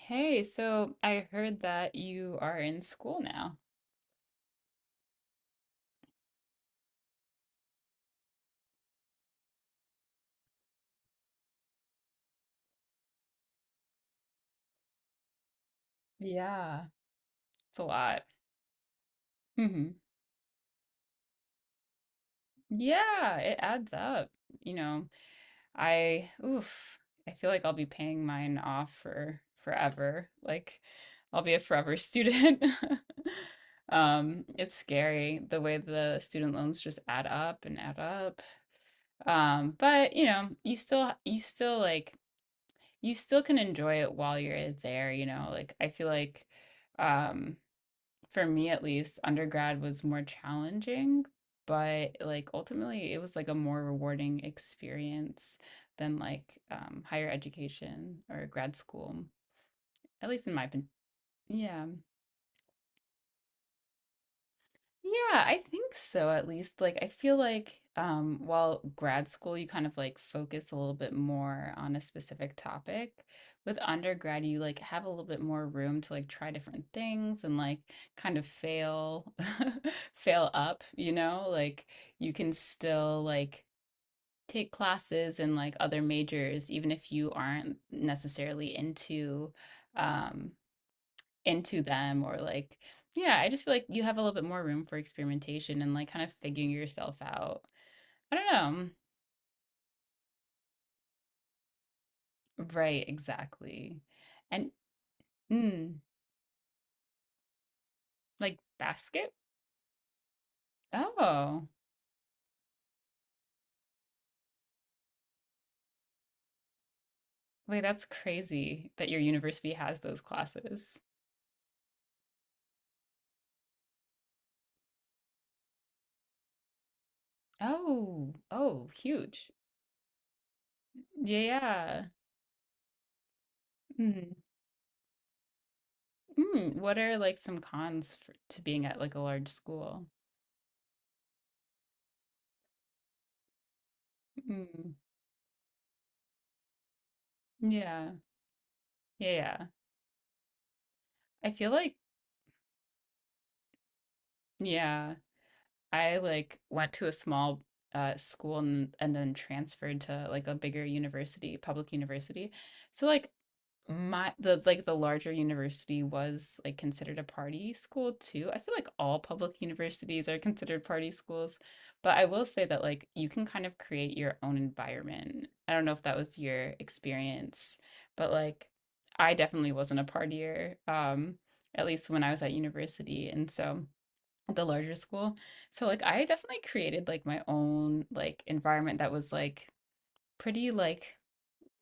Hey, so I heard that you are in school now. Yeah, it's a lot. Hmm. Yeah, it adds up. You know, I oof, I feel like I'll be paying mine off for forever. Like I'll be a forever student. It's scary the way the student loans just add up and add up. But you still can enjoy it while you're there. Like I feel like um for me, at least, undergrad was more challenging, but like ultimately it was like a more rewarding experience than like higher education or grad school, at least in my opinion. Yeah. Yeah, I think so, at least. Like I feel like while grad school you kind of like focus a little bit more on a specific topic, with undergrad you like have a little bit more room to like try different things and like kind of fail fail up, you know? Like you can still like take classes in like other majors even if you aren't necessarily um into them, or like, yeah, I just feel like you have a little bit more room for experimentation and like kind of figuring yourself out. I don't know, right, exactly. And, mm, like basket oh, wait, that's crazy that your university has those classes. Oh, oh, huge. Yeah, yeah. Mm. Mm. What are, like, some cons to being at, like, a large school? Mm. Yeah, yeah, yeah. I feel like, yeah, I like went to a small, school, and then transferred to, like, a bigger university, public university. So like my the like the larger university was like considered a party school too. I feel like all public universities are considered party schools, but I will say that like you can kind of create your own environment. I don't know if that was your experience, but like I definitely wasn't a partier, at least when I was at university. And so the larger school. So like I definitely created like my own like environment that was like pretty like,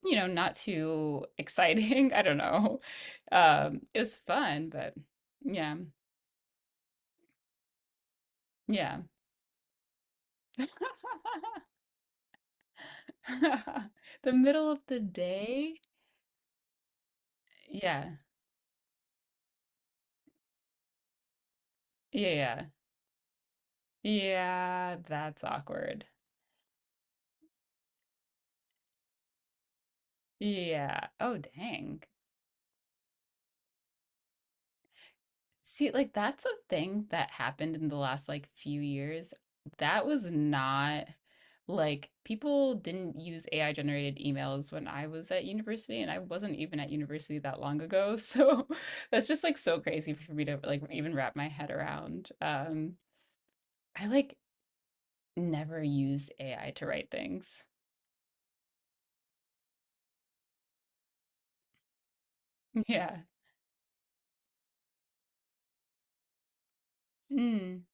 not too exciting. I don't know. It was fun, but yeah, yeah. The middle of the day. Yeah. Yeah, yeah. Yeah, that's awkward. Yeah. Oh, dang. See, like that's a thing that happened in the last like few years. That was not, like, people didn't use AI generated emails when I was at university, and I wasn't even at university that long ago. So that's just like so crazy for me to like even wrap my head around. I like never used AI to write things. Yeah. Mm.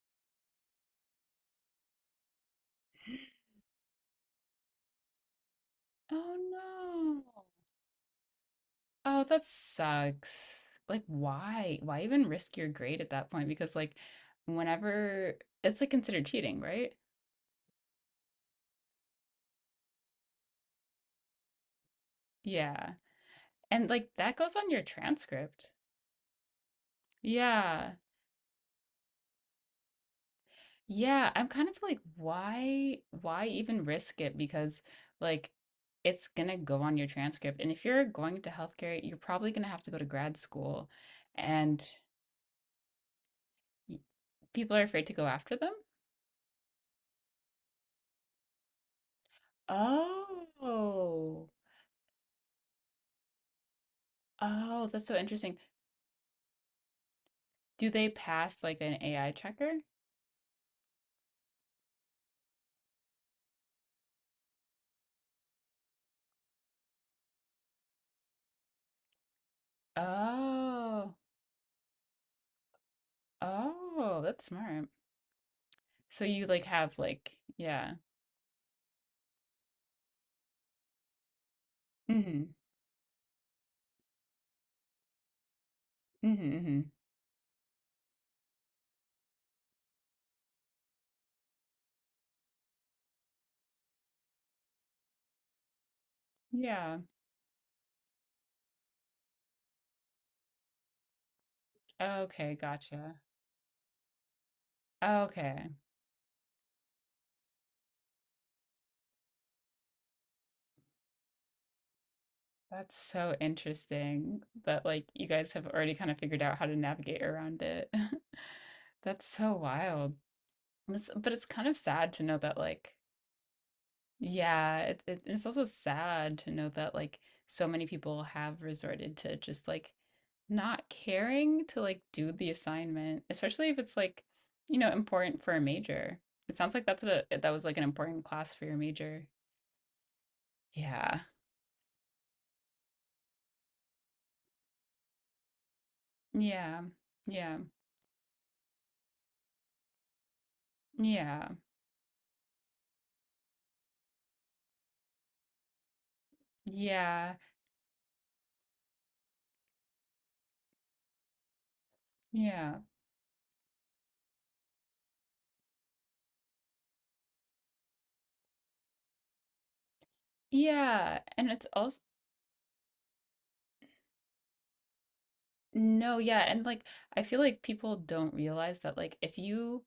Oh no. Oh, that sucks. Like, why? Why even risk your grade at that point? Because, like, whenever it's like considered cheating, right? Yeah. And like that goes on your transcript. Yeah. Yeah. I'm kind of like, why? Why even risk it? Because, like, it's gonna go on your transcript. And if you're going to healthcare, you're probably gonna have to go to grad school. And y- people are afraid to go after them. Oh. Oh, that's so interesting. Do they pass like an AI checker? Oh, oh, that's smart. So you like have like, yeah. Mm-hmm. Mm-hmm. Mm-hmm. Yeah. Okay, gotcha. Okay. That's so interesting that like you guys have already kind of figured out how to navigate around it. That's so wild. But it's kind of sad to know that, like, yeah, it's also sad to know that like so many people have resorted to just like not caring to like do the assignment, especially if it's like, important for a major. It sounds like that was like an important class for your major. Yeah. Yeah. Yeah. Yeah. Yeah. Yeah. Yeah. And it's also, no, yeah, and like I feel like people don't realize that, like, if you,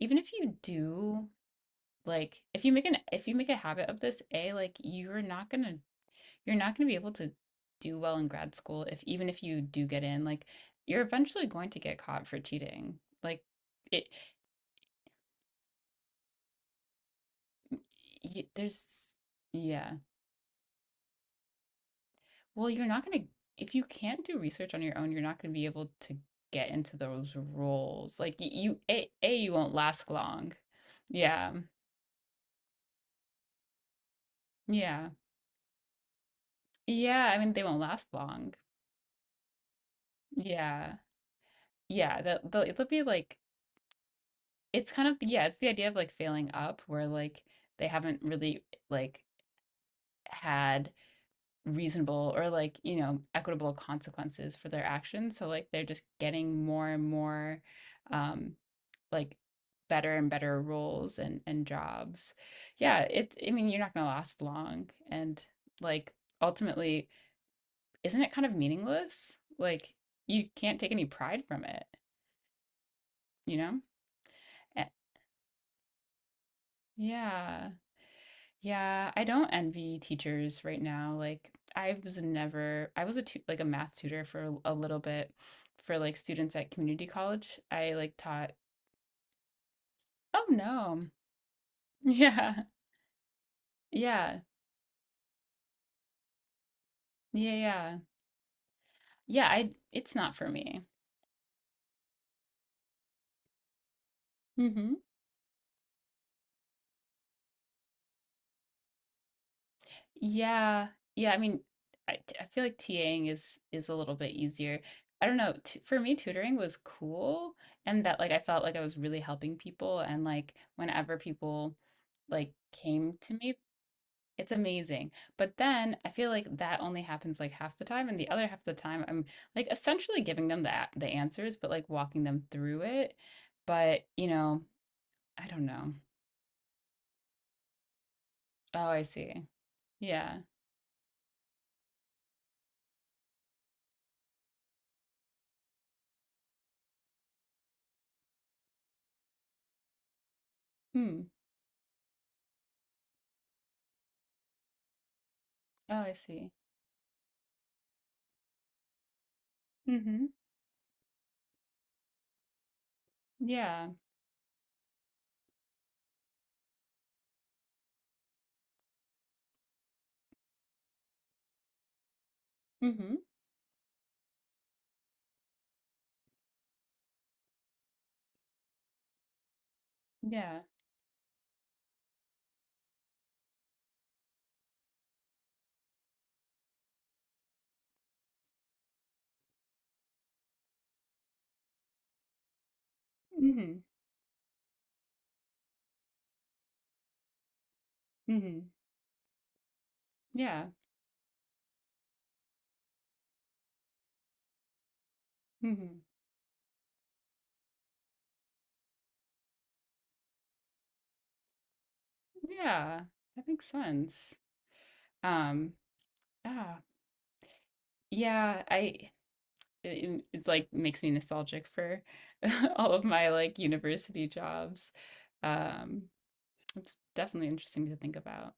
even if you do. Like if you make a habit of this, A, like you're not gonna be able to do well in grad school if, even if you do get in, like you're eventually going to get caught for cheating. Like, it, y there's, yeah. Well, you're not gonna, if you can't do research on your own, you're not gonna be able to get into those roles. Like you, A you won't last long. Yeah. Yeah. Yeah, I mean they won't last long. Yeah. Yeah, they'll it'll be like, it's kind of, yeah, it's the idea of like failing up where like they haven't really like had reasonable or like, equitable consequences for their actions. So like they're just getting more and more um like better and better roles and jobs. Yeah, it's I mean, you're not gonna last long and like ultimately, isn't it kind of meaningless? Like you can't take any pride from it, you know? Eh, yeah. Yeah, I don't envy teachers right now. Like I was never, I was a tu like a math tutor for a little bit for like students at community college. I like taught. Oh no. Yeah. Yeah. Yeah, yeah. Yeah, I it's not for me. Hmm. Yeah. Yeah, I mean, I feel like TAing is a little bit easier. I don't know. T For me, tutoring was cool, and that like I felt like I was really helping people, and like whenever people like came to me. It's amazing. But then I feel like that only happens like half the time, and the other half of the time I'm like essentially giving them the answers, but like walking them through it. But, I don't know. Oh, I see. Yeah. Hmm. Oh, I see. Mm-hmm. Yeah. Mm-hmm. Yeah. Mm-hmm. Mm-hmm. Yeah. Mm-hmm. Yeah. That makes sense. Um, ah, yeah, it's like makes me nostalgic for all of my like university jobs. Um, it's definitely interesting to think about.